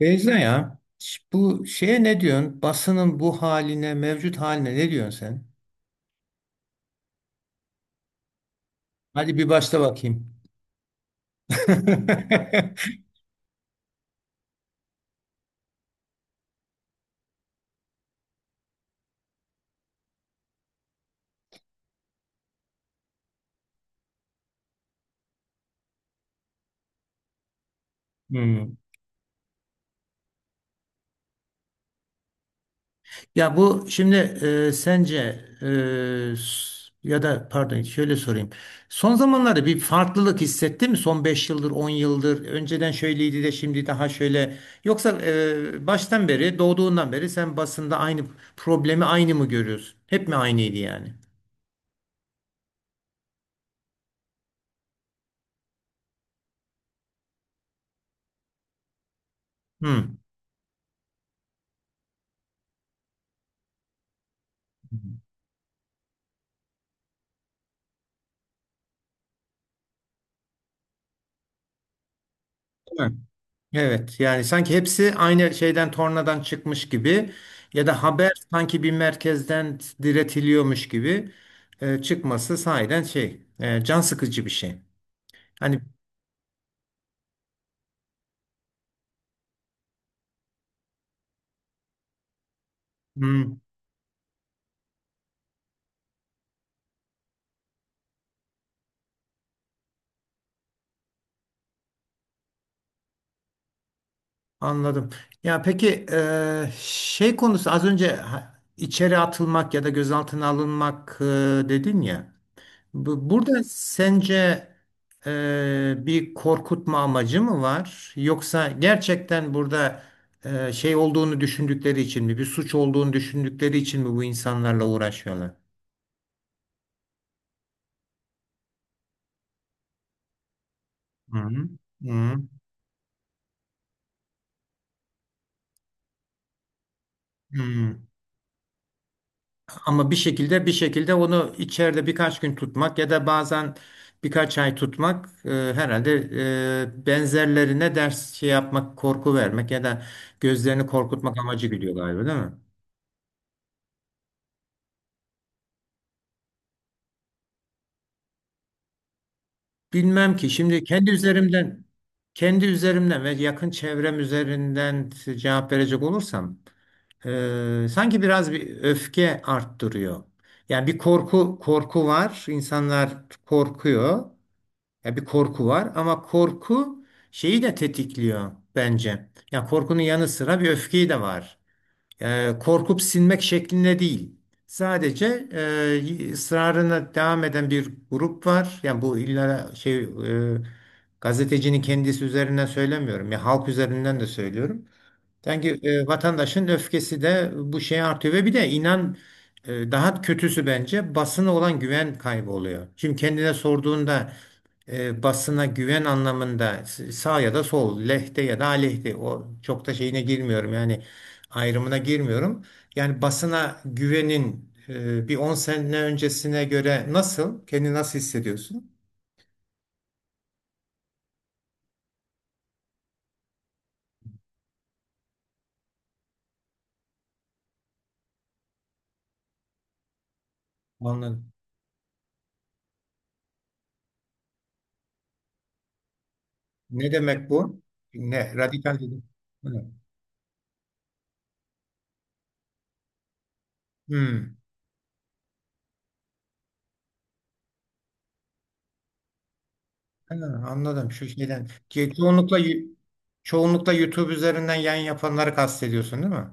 Beyza ya bu şeye ne diyorsun? Basının bu haline, mevcut haline ne diyorsun sen? Hadi bir başla bakayım. Hmm. Ya bu şimdi, sence, e, s- ya da pardon, şöyle sorayım. Son zamanlarda bir farklılık hissetti mi? Son 5 yıldır, 10 yıldır. Önceden şöyleydi de şimdi daha şöyle. Yoksa baştan beri, doğduğundan beri sen basında aynı problemi aynı mı görüyorsun? Hep mi aynıydı yani? Hmm. Evet, yani sanki hepsi aynı şeyden tornadan çıkmış gibi ya da haber sanki bir merkezden diretiliyormuş gibi çıkması sahiden şey, can sıkıcı bir şey. Hani. Hmm. Anladım. Ya peki, şey konusu, az önce içeri atılmak ya da gözaltına alınmak, dedin ya. Burada sence bir korkutma amacı mı var? Yoksa gerçekten burada şey olduğunu düşündükleri için mi, bir suç olduğunu düşündükleri için mi bu insanlarla uğraşıyorlar? Hı hı. Hı hı. Ama bir şekilde onu içeride birkaç gün tutmak ya da bazen birkaç ay tutmak, herhalde benzerlerine ders şey yapmak, korku vermek ya da gözlerini korkutmak amacı gidiyor galiba, değil mi? Bilmem ki, şimdi kendi üzerimden ve yakın çevrem üzerinden cevap verecek olursam, sanki biraz bir öfke arttırıyor. Yani bir korku var. İnsanlar korkuyor. Ya bir korku var ama korku şeyi de tetikliyor bence. Ya korkunun yanı sıra bir öfkeyi de var, korkup sinmek şeklinde değil. Sadece ısrarına devam eden bir grup var. Yani bu illa şey, gazetecinin kendisi üzerinden söylemiyorum. Ya halk üzerinden de söylüyorum. Sanki vatandaşın öfkesi de bu şeye artıyor ve bir de inan, daha kötüsü bence basına olan güven kaybı oluyor. Şimdi kendine sorduğunda, basına güven anlamında sağ ya da sol, lehte ya da aleyhte, o çok da şeyine girmiyorum yani ayrımına girmiyorum. Yani basına güvenin, bir 10 sene öncesine göre nasıl, kendini nasıl hissediyorsun? Anladım. Ne demek bu? Ne? Radikal dedim. Evet. Hmm. Ha, anladım şu şeyden. Çoğunlukla YouTube üzerinden yayın yapanları kastediyorsun, değil mi?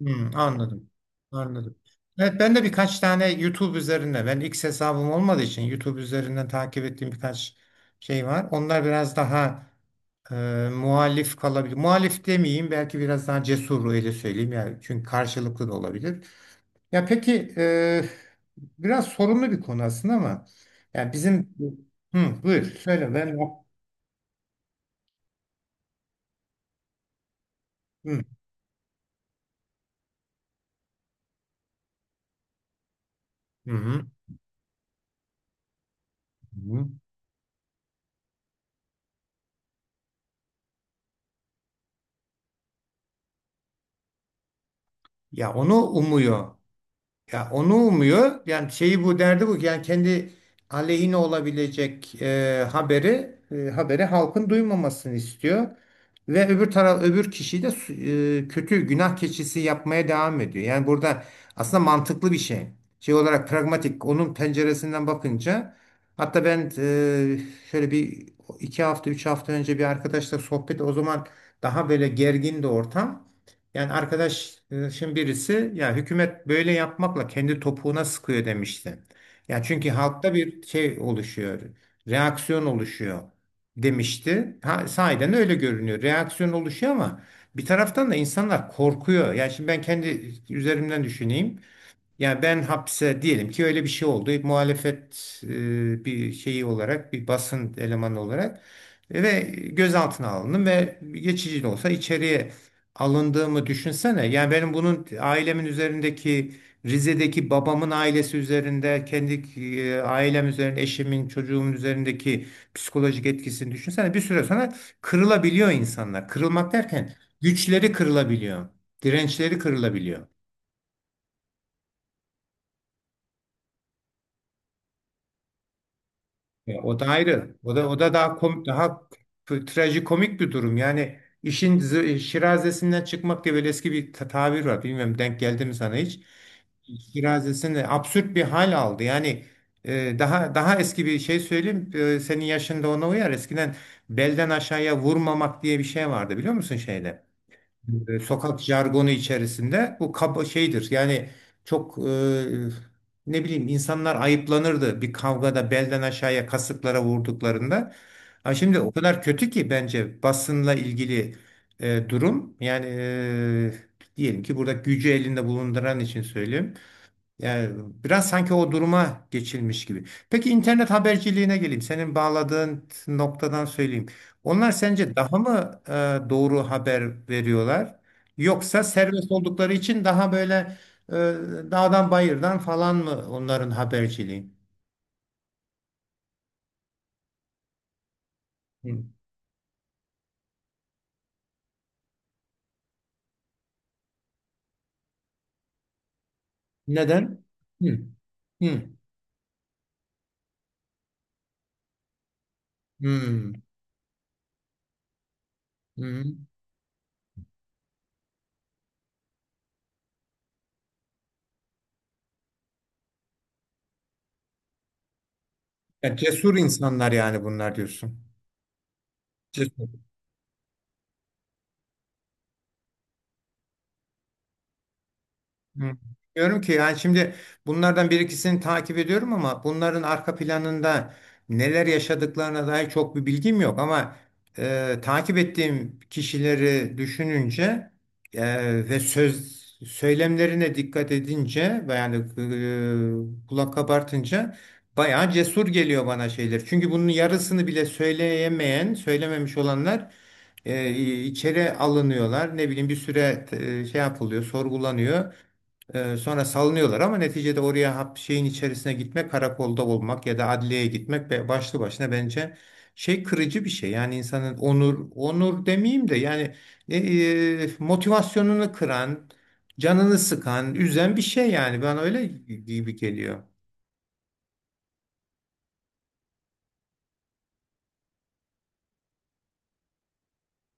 Hmm, anladım. Anladım. Evet, ben de birkaç tane YouTube üzerinden, ben X hesabım olmadığı için YouTube üzerinden takip ettiğim birkaç şey var. Onlar biraz daha e, muhalif kalabilir. Muhalif demeyeyim, belki biraz daha cesur, öyle söyleyeyim yani, çünkü karşılıklı da olabilir. Ya peki, biraz sorunlu bir konu aslında ama yani bizim. Hı, buyur söyle, ben. Hı hı. Hı. Hı. Ya onu umuyor. Ya onu umuyor. Yani şeyi, bu derdi bu. Ki yani kendi aleyhine olabilecek haberi halkın duymamasını istiyor. Ve öbür taraf öbür kişiyi de kötü günah keçisi yapmaya devam ediyor. Yani burada aslında mantıklı bir şey. Şey olarak pragmatik, onun penceresinden bakınca, hatta ben, şöyle bir 2 hafta 3 hafta önce bir arkadaşla sohbet, o zaman daha böyle gergin de ortam. Yani arkadaşın birisi, ya hükümet böyle yapmakla kendi topuğuna sıkıyor, demişti. Ya çünkü halkta bir şey oluşuyor, reaksiyon oluşuyor, demişti. Ha, sahiden öyle görünüyor. Reaksiyon oluşuyor ama bir taraftan da insanlar korkuyor. Yani şimdi ben kendi üzerimden düşüneyim. Yani ben hapse, diyelim ki öyle bir şey oldu. Muhalefet bir şeyi olarak, bir basın elemanı olarak, ve gözaltına alındım ve geçici de olsa içeriye alındığımı düşünsene. Yani benim bunun ailemin üzerindeki, Rize'deki babamın ailesi üzerinde, kendi ailem üzerinde, eşimin, çocuğumun üzerindeki psikolojik etkisini düşünsene. Bir süre sonra kırılabiliyor insanlar. Kırılmak derken güçleri kırılabiliyor. Dirençleri kırılabiliyor. O da ayrı. O da daha komik, daha trajikomik bir durum. Yani işin şirazesinden çıkmak diye böyle eski bir tabir var. Bilmiyorum, denk geldi mi sana hiç? Şirazesinde absürt bir hal aldı. Yani daha eski bir şey söyleyeyim. Senin yaşında ona uyar. Eskiden belden aşağıya vurmamak diye bir şey vardı, biliyor musun şeyde? Sokak jargonu içerisinde bu kaba şeydir. Yani çok, ne bileyim, insanlar ayıplanırdı bir kavgada belden aşağıya kasıklara vurduklarında. Ha şimdi o kadar kötü ki bence basınla ilgili durum. Yani, diyelim ki burada gücü elinde bulunduran için söyleyeyim. Yani biraz sanki o duruma geçilmiş gibi. Peki internet haberciliğine geleyim. Senin bağladığın noktadan söyleyeyim. Onlar sence daha mı doğru haber veriyorlar? Yoksa serbest oldukları için daha böyle, e, dağdan bayırdan falan mı onların haberciliği? Hı. Neden? Hı. Hı. Hı. Hı. Ya cesur insanlar, yani bunlar diyorsun. Cesur. Hı. Diyorum ki yani şimdi, bunlardan bir ikisini takip ediyorum ama bunların arka planında neler yaşadıklarına dair çok bir bilgim yok ama, takip ettiğim kişileri düşününce ve söz söylemlerine dikkat edince ve yani kulak kabartınca, bayağı cesur geliyor bana şeyler. Çünkü bunun yarısını bile söyleyemeyen, söylememiş olanlar e, içeri alınıyorlar. Ne bileyim, bir süre şey yapılıyor, sorgulanıyor. Sonra salınıyorlar ama neticede oraya hap şeyin içerisine gitmek, karakolda olmak ya da adliyeye gitmek, başlı başına bence şey kırıcı bir şey. Yani insanın onur, onur demeyeyim de yani, e, motivasyonunu kıran, canını sıkan, üzen bir şey yani. Ben öyle gibi geliyor.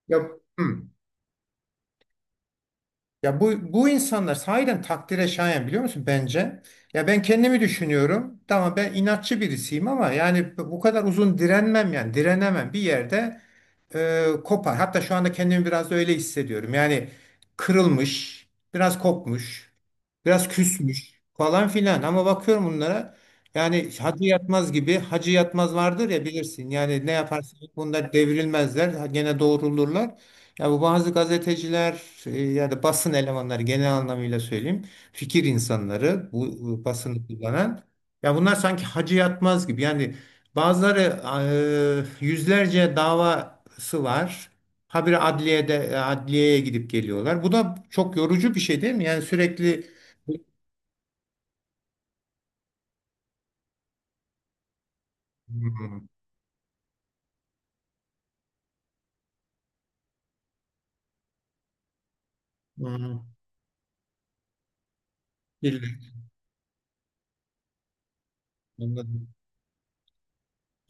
Ya, hı. Ya bu insanlar sahiden takdire şayan, biliyor musun, bence? Ya ben kendimi düşünüyorum. Tamam, ben inatçı birisiyim ama yani bu kadar uzun direnmem, yani direnemem, bir yerde kopar. Hatta şu anda kendimi biraz da öyle hissediyorum. Yani kırılmış, biraz kopmuş, biraz küsmüş falan filan. Ama bakıyorum bunlara, yani Hacı Yatmaz gibi, Hacı Yatmaz vardır ya, bilirsin. Yani ne yaparsan yap bunlar devrilmezler. Gene doğrulurlar. Ya bu bazı gazeteciler, ya da basın elemanları, genel anlamıyla söyleyeyim. Fikir insanları, bu basını kullanan. Ya bunlar sanki Hacı Yatmaz gibi yani. Bazıları yüzlerce davası var. Habire adliyede, adliyeye gidip geliyorlar. Bu da çok yorucu bir şey değil mi? Yani sürekli. Hmm. Hmm. Bilmiyorum.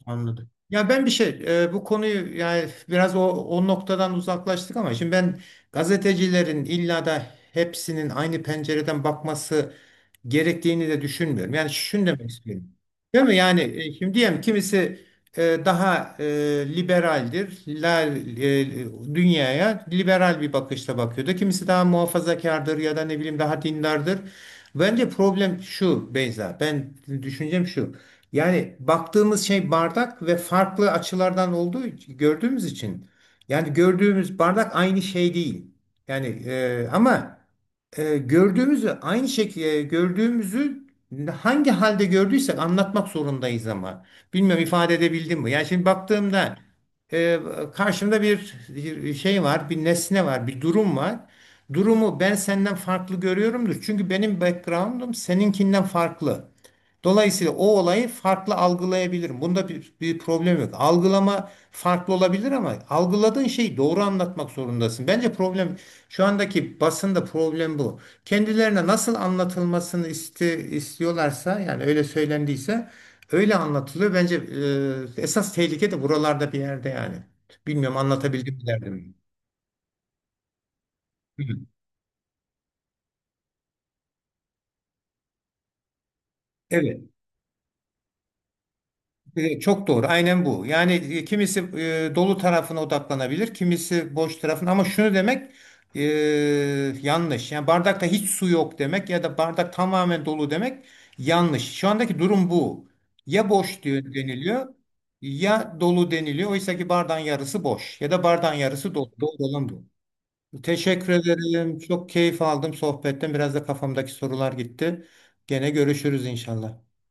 Anladım. Ya ben bir şey, bu konuyu, yani biraz o noktadan uzaklaştık ama şimdi ben gazetecilerin illa da hepsinin aynı pencereden bakması gerektiğini de düşünmüyorum. Yani şunu demek istiyorum. Değil mi? Yani, şimdi diyelim kimisi daha liberaldir. Dünyaya liberal bir bakışla bakıyordu. Kimisi daha muhafazakardır ya da ne bileyim daha dindardır. Bence problem şu, Beyza. Ben düşüncem şu. Yani baktığımız şey bardak ve farklı açılardan olduğu, gördüğümüz için yani gördüğümüz bardak aynı şey değil. Yani, ama, gördüğümüzü aynı şekilde gördüğümüzü hangi halde gördüysek anlatmak zorundayız ama. Bilmiyorum, ifade edebildim mi? Yani şimdi baktığımda, e, karşımda bir şey var, bir nesne var, bir durum var. Durumu ben senden farklı görüyorumdur. Çünkü benim background'um seninkinden farklı. Dolayısıyla o olayı farklı algılayabilirim. Bunda bir problem yok. Algılama farklı olabilir ama algıladığın şeyi doğru anlatmak zorundasın. Bence problem, şu andaki basında problem bu. Kendilerine nasıl anlatılmasını istiyorlarsa yani öyle söylendiyse öyle anlatılıyor. Bence esas tehlike de buralarda bir yerde yani. Bilmiyorum, anlatabildim mi derdim. Hı. Evet. Çok doğru. Aynen bu. Yani, kimisi dolu tarafına odaklanabilir, kimisi boş tarafına. Ama şunu demek e, yanlış. Yani bardakta hiç su yok demek ya da bardak tamamen dolu demek yanlış. Şu andaki durum bu. Ya boş deniliyor, ya dolu deniliyor. Oysa ki bardağın yarısı boş ya da bardağın yarısı dolu. Doğru olan bu. Teşekkür ederim. Çok keyif aldım sohbetten. Biraz da kafamdaki sorular gitti. Gene görüşürüz inşallah.